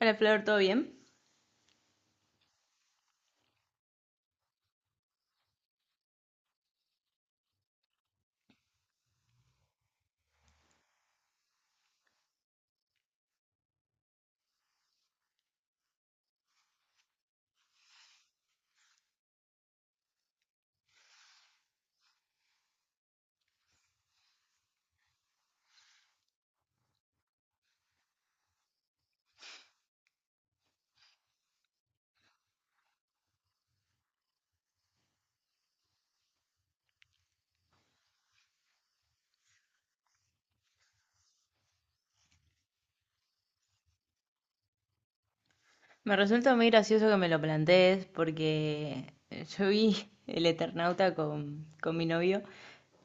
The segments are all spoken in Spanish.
Hola Flor, ¿todo bien? Me resulta muy gracioso que me lo plantees porque yo vi El Eternauta con mi novio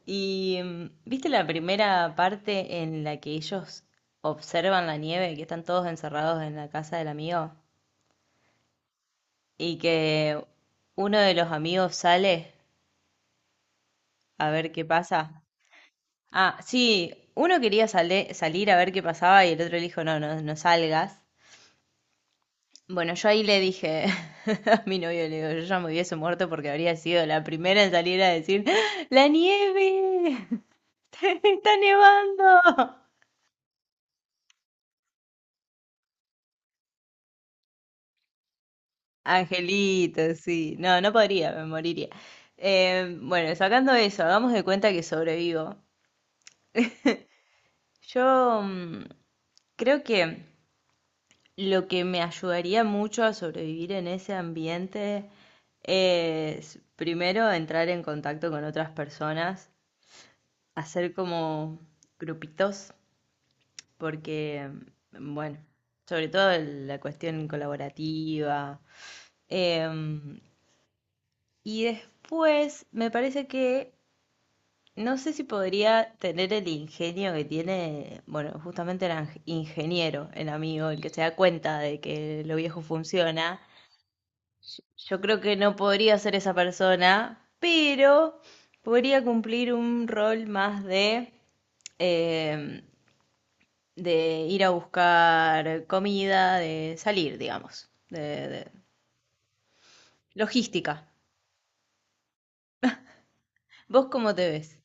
y ¿viste la primera parte en la que ellos observan la nieve, que están todos encerrados en la casa del amigo y que uno de los amigos sale a ver qué pasa? Ah, sí, uno quería salir a ver qué pasaba y el otro le dijo, no, no, no salgas. Bueno, yo ahí le dije a mi novio, le digo, yo ya me hubiese muerto porque habría sido la primera en salir a decir, ¡La nieve! ¡Está nevando! Angelito, sí. No, no podría, me moriría. Bueno, sacando eso, hagamos de cuenta que sobrevivo. Yo mm, Creo que lo que me ayudaría mucho a sobrevivir en ese ambiente es, primero, entrar en contacto con otras personas, hacer como grupitos, porque, bueno, sobre todo la cuestión colaborativa. Em, y después me parece que no sé si podría tener el ingenio que tiene, bueno, justamente el ingeniero, el amigo, el que se da cuenta de que lo viejo funciona. Yo creo que no podría ser esa persona, pero podría cumplir un rol más de em, de ir a buscar comida, de salir, digamos, de logística. ¿Vos cómo te ves?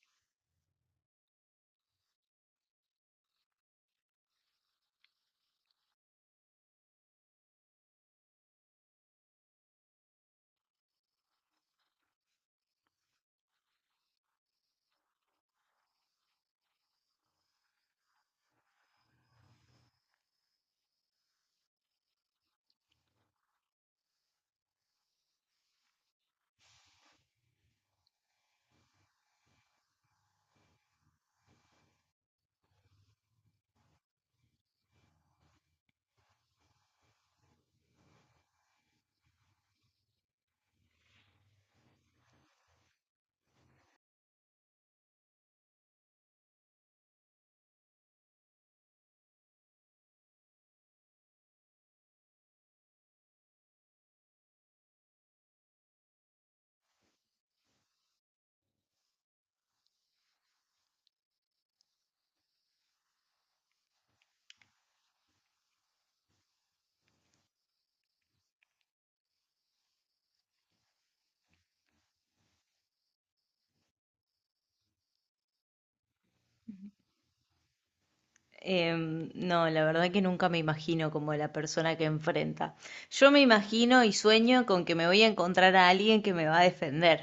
No, la verdad que nunca me imagino como la persona que enfrenta. Yo me imagino y sueño con que me voy a encontrar a alguien que me va a defender.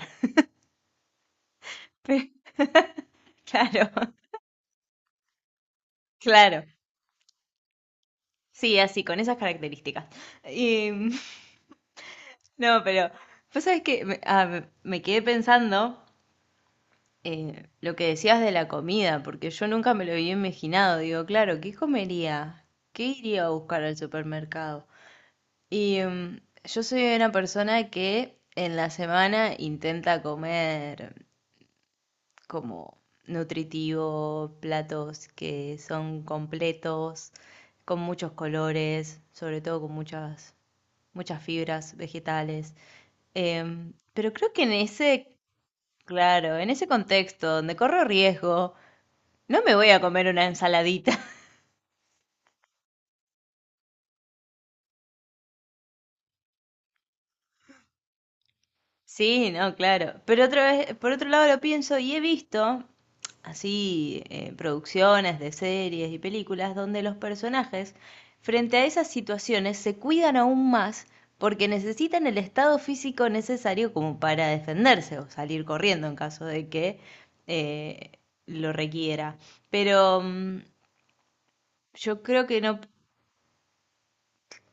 Claro, claro. Sí, así, con esas características. Em, no, pero, ¿vos sabés que me quedé pensando lo que decías de la comida, porque yo nunca me lo había imaginado. Digo, claro, ¿qué comería? ¿Qué iría a buscar al supermercado? Y yo soy una persona que en la semana intenta comer como nutritivo, platos que son completos, con muchos colores, sobre todo con muchas fibras vegetales. Pero creo que en ese, claro, en ese contexto donde corro riesgo no me voy a comer una ensaladita. Sí, no, claro. Pero otra vez, por otro lado lo pienso y he visto así producciones de series y películas donde los personajes frente a esas situaciones se cuidan aún más porque necesitan el estado físico necesario como para defenderse o salir corriendo en caso de que eh, lo requiera. Pero yo creo que no,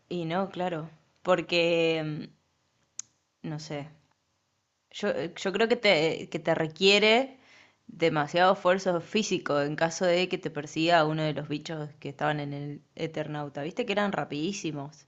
y no, claro, porque, no sé, yo creo que que te requiere demasiado esfuerzo físico en caso de que te persiga uno de los bichos que estaban en el Eternauta. Viste que eran rapidísimos.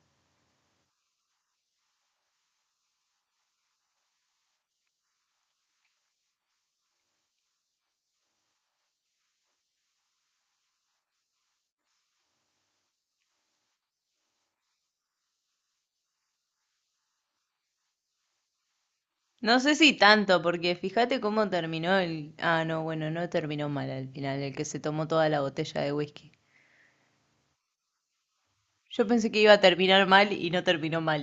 No sé si tanto, porque fíjate cómo terminó el... Ah, no, bueno, no terminó mal al final, el que se tomó toda la botella de whisky. Yo pensé que iba a terminar mal y no terminó mal.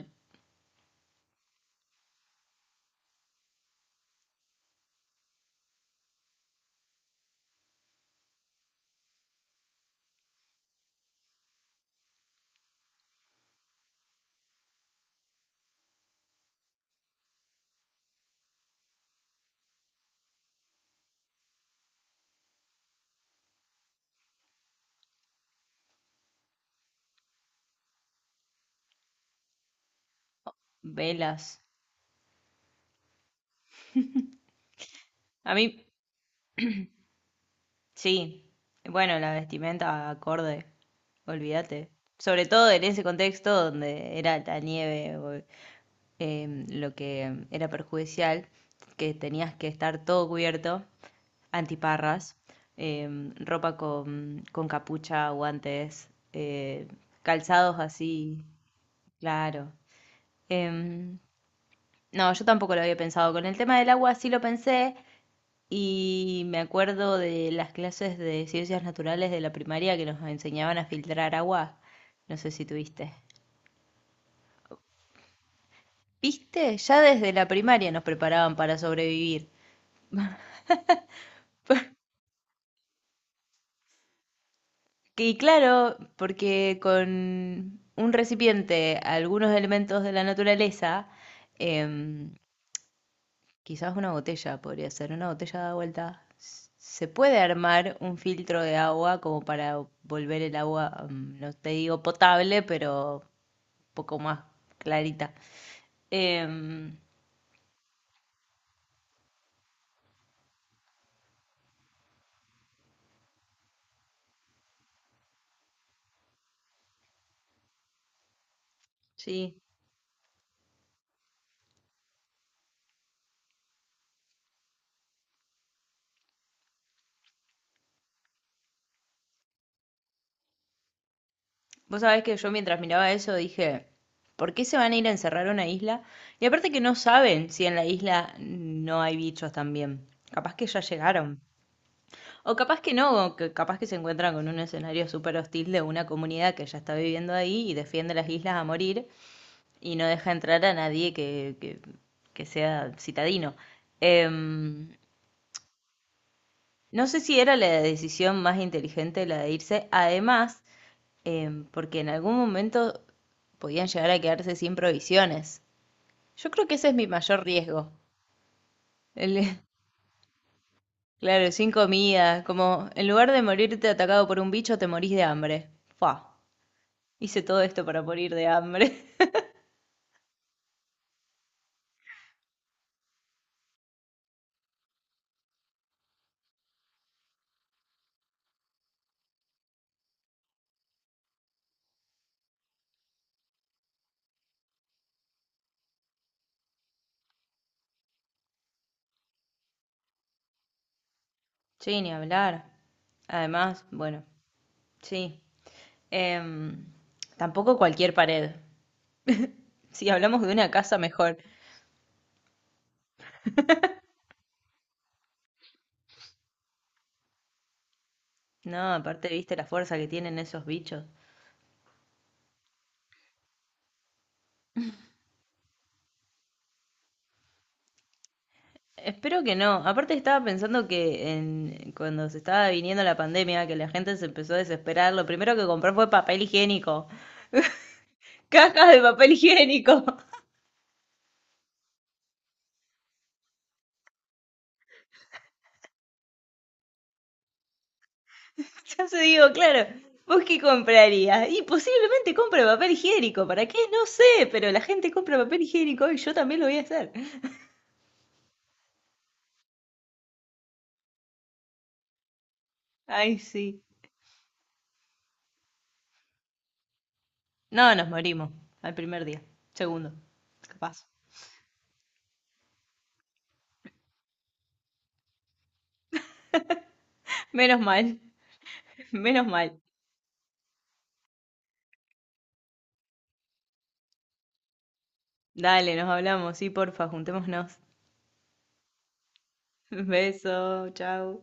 Velas. A mí, sí. Bueno, la vestimenta acorde. Olvídate. Sobre todo en ese contexto donde era la nieve. Lo que era perjudicial, que tenías que estar todo cubierto, antiparras, ropa con capucha, guantes, calzados así, claro. Em, no, yo tampoco lo había pensado. Con el tema del agua sí lo pensé y me acuerdo de las clases de ciencias naturales de la primaria que nos enseñaban a filtrar agua. No sé si tuviste. ¿Viste? Ya desde la primaria nos preparaban para sobrevivir. Y claro, porque con un recipiente, algunos elementos de la naturaleza, em, quizás una botella podría ser, una botella da vuelta, se puede armar un filtro de agua como para volver el agua, no te digo potable, pero un poco más clarita. Em, sí. Vos sabés que yo mientras miraba eso dije, ¿por qué se van a ir a encerrar a una isla? Y aparte que no saben si en la isla no hay bichos también. Capaz que ya llegaron. O capaz que no, o que capaz que se encuentran con un escenario súper hostil de una comunidad que ya está viviendo ahí y defiende las islas a morir y no deja entrar a nadie que sea citadino. Em, no sé si era la decisión más inteligente la de irse. Además, porque en algún momento podían llegar a quedarse sin provisiones. Yo creo que ese es mi mayor riesgo. El- claro, sin comida, como en lugar de morirte atacado por un bicho, te morís de hambre. Fua, hice todo esto para morir de hambre. Sí, ni hablar. Además, bueno, sí. Em, Tampoco cualquier pared. Si hablamos de una casa, mejor. No, aparte, viste la fuerza que tienen esos bichos. Espero que no. Aparte estaba pensando que en, cuando se estaba viniendo la pandemia, que la gente se empezó a desesperar, lo primero que compró fue papel higiénico. Cajas de papel higiénico. Ya se digo, claro, ¿vos qué comprarías? Y posiblemente compre papel higiénico. ¿Para qué? No sé, pero la gente compra papel higiénico y yo también lo voy a hacer. Ay, sí. No, nos morimos al primer día. Segundo, capaz. Menos mal, menos mal. Dale, nos hablamos. Sí, porfa, juntémonos. Beso, chao.